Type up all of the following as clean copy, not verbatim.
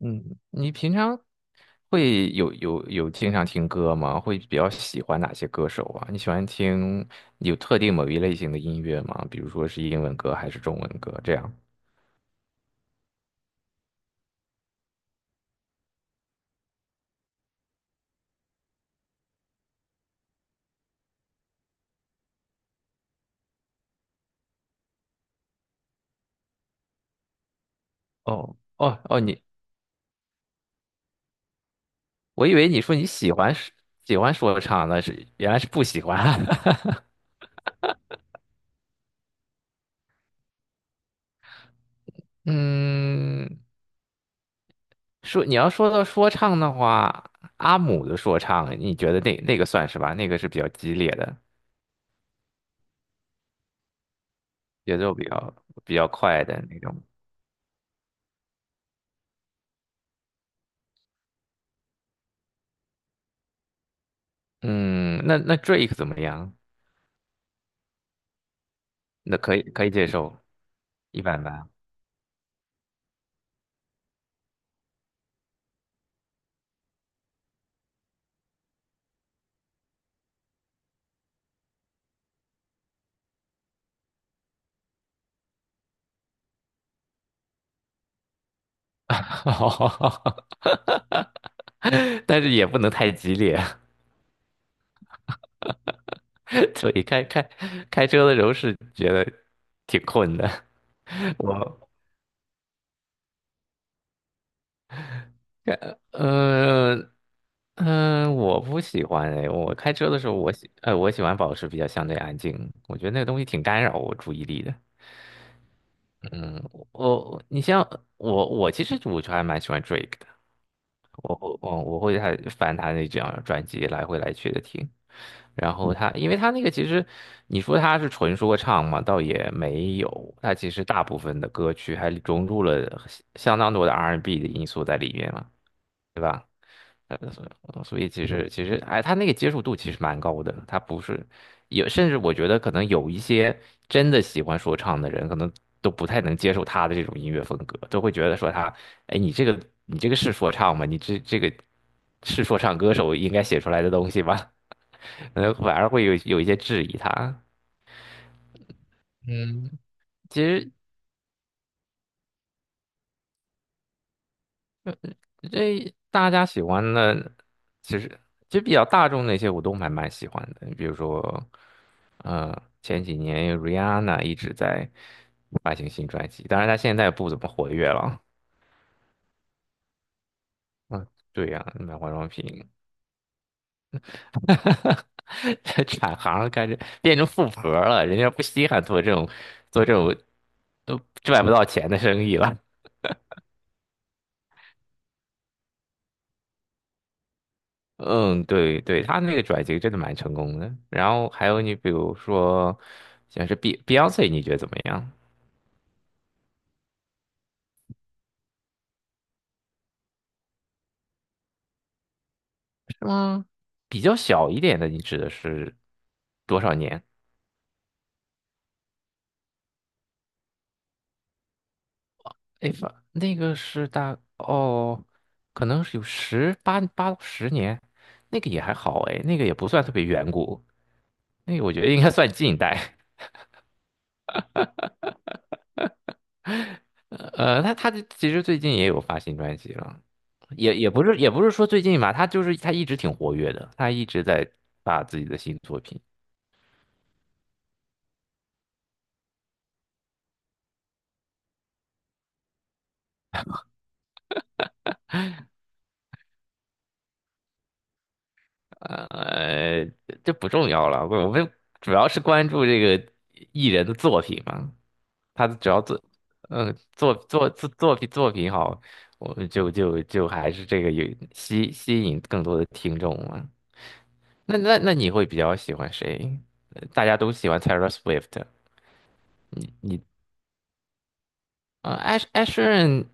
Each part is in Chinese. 嗯，你平常会有经常听歌吗？会比较喜欢哪些歌手啊？你喜欢听有特定某一类型的音乐吗？比如说是英文歌还是中文歌这样？哦哦哦，我以为你说你喜欢是喜欢说唱，那是原来是不喜欢。嗯，说你要说到说唱的话，阿姆的说唱，你觉得那个算是吧？那个是比较激烈的，节奏比较快的那种。嗯，那那 Drake 怎么样？那可以可以接受，一般般。但是也不能太激烈。所以开车的时候是觉得挺困的。我，呃，嗯、我不喜欢哎，我开车的时候，我喜，我喜欢保持比较相对安静，我觉得那个东西挺干扰我注意力的。嗯，你像我其实我就还蛮喜欢 Drake，我会，我会还翻他那几张专辑来回来去的听，然后他，因为他那个其实你说他是纯说唱嘛，倒也没有，他其实大部分的歌曲还融入了相当多的 R&B 的因素在里面嘛，对吧？呃，所以其实，哎，他那个接受度其实蛮高的，他不是有，甚至我觉得可能有一些真的喜欢说唱的人，可能都不太能接受他的这种音乐风格，都会觉得说他，哎，你这个你这个是说唱吗？你这个是说唱歌手应该写出来的东西吗？可能反而会有一些质疑他。嗯，其实这大家喜欢的，其实就比较大众那些我都还蛮喜欢的，比如说，呃，前几年 Rihanna 一直在发行新专辑，当然她现在不怎么活跃了。嗯，对呀、买化妆品。这转行开始变成富婆了，人家不稀罕做这种都赚不到钱的生意了。嗯，对对，他那个转型真的蛮成功的。然后还有你比如说，像是 Beyonce，你觉得怎么样？是吗？比较小一点的，你指的是多少年？哎，反那个是大哦，可能是有十八八到十年，那个也还好哎，那个也不算特别远古，那个我觉得应该算近代。他其实最近也有发新专辑了，也不是说最近吧，他就是他一直挺活跃的，他一直在发自己的新作品。呃，这不重要了，我们主要是关注这个艺人的作品嘛。他只要作，嗯，作品好，我们就还是这个有吸引更多的听众嘛。那你会比较喜欢谁？呃大家都喜欢 Taylor Swift，你？呃，Ash a s h e r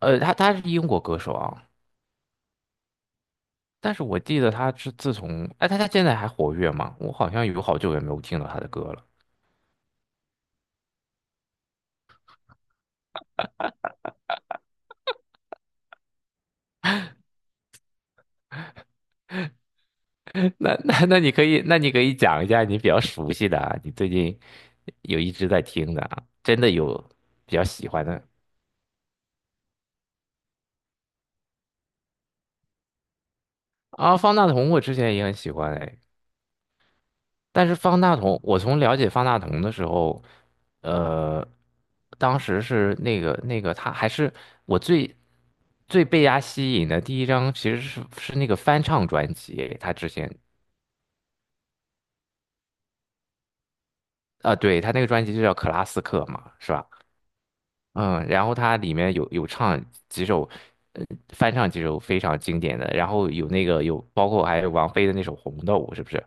呃，他是英国歌手啊，但是我记得他是自从，哎，他他现在还活跃吗？我好像有好久也没有听到他的歌了。那你可以讲一下你比较熟悉的啊，你最近有一直在听的啊，真的有比较喜欢的啊。方大同我之前也很喜欢哎，但是方大同，我从了解方大同的时候，呃，当时是那个他还是我最被他吸引的第一张，其实是那个翻唱专辑，他之前啊，对，他那个专辑就叫《克拉斯克》嘛，是吧？嗯，然后他里面有唱几首，呃翻唱几首非常经典的，然后有那个有包括还有王菲的那首《红豆》，是不是？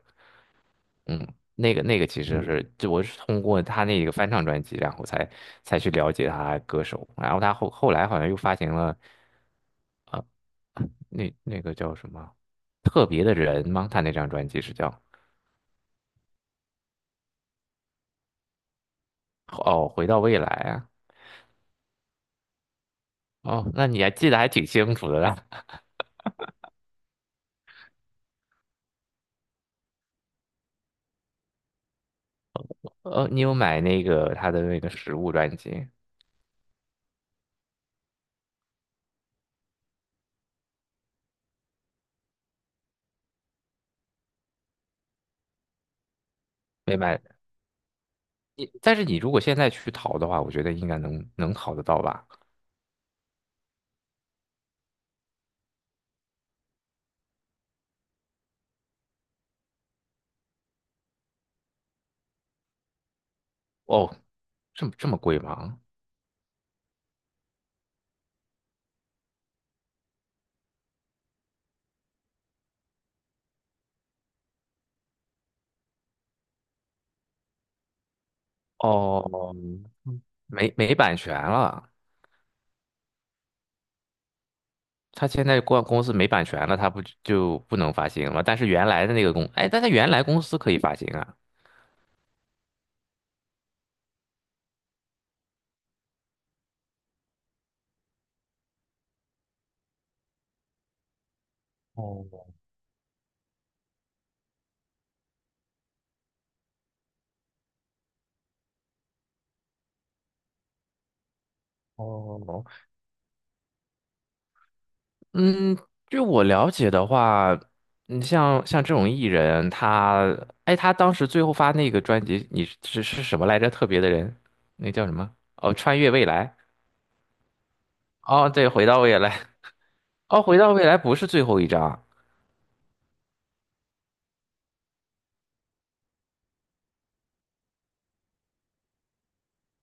嗯，那个其实是，就我是通过他那个翻唱专辑，然后才去了解他歌手，然后他后来好像又发行了，啊，那那个叫什么特别的人吗？他那张专辑是叫哦，回到未来啊，哦，那你还记得还挺清楚的啦。哦，你有买那个他的那个实物专辑没买？你但是你如果现在去淘的话，我觉得应该能淘得到吧？哦，这么贵吗？哦，没版权了。他现在公司没版权了，他不就不能发行了？但是原来的那个公，哎，但他原来公司可以发行啊。哦哦，嗯，据我了解的话，你像这种艺人，他，哎，他当时最后发那个专辑，你是什么来着？特别的人，那叫什么？哦，穿越未来。哦，对，回到未来。哦，回到未来不是最后一张。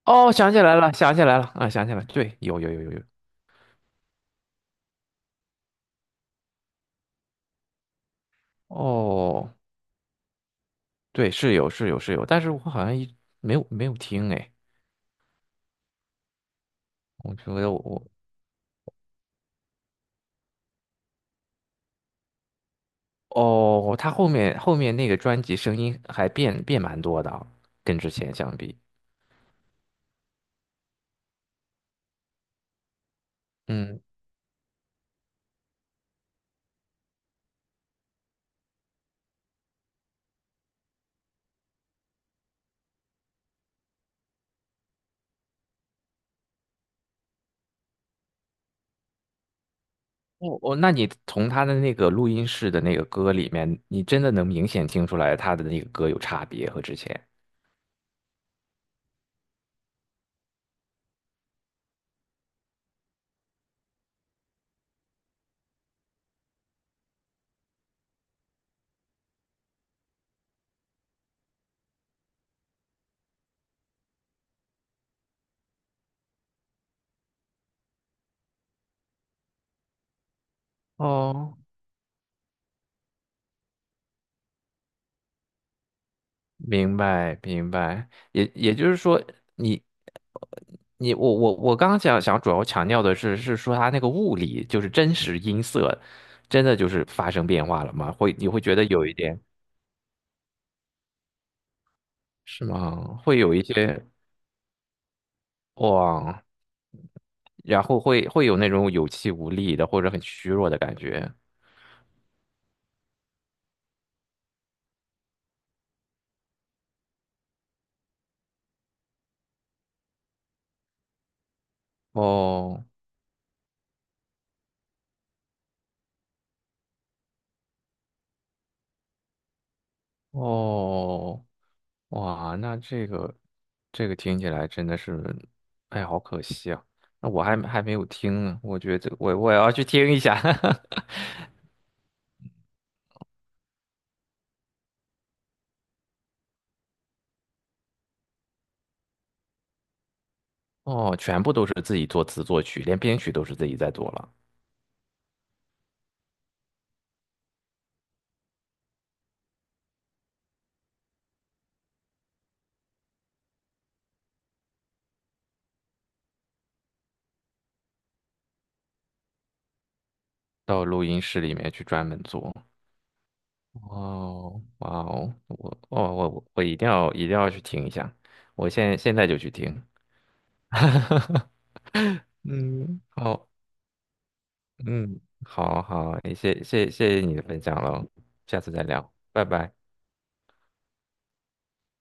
哦，想起来了，想起来了，啊，想起来了，对，有。哦，对，是有是有是有，但是我好像一没有听哎，我觉得我哦，他后面那个专辑声音还变蛮多的啊跟之前相比，嗯，哦哦，那你从他的那个录音室的那个歌里面，你真的能明显听出来他的那个歌有差别和之前。哦，明白，明白，也也就是说你，你我刚刚想主要强调的是，是说它那个物理就是真实音色，真的就是发生变化了吗？会你会觉得有一点是吗？会有一些哇，然后会有那种有气无力的或者很虚弱的感觉。哦哦，哇，那这个这个听起来真的是，哎，好可惜啊！那我还没有听呢，我觉得我我也要去听一下。哦，全部都是自己作词作曲，连编曲都是自己在做了，到录音室里面去专门做。哦，哇哦，我一定要一定要去听一下，我现在就去听。嗯，好，嗯，好好，谢谢你的分享了，下次再聊，拜拜。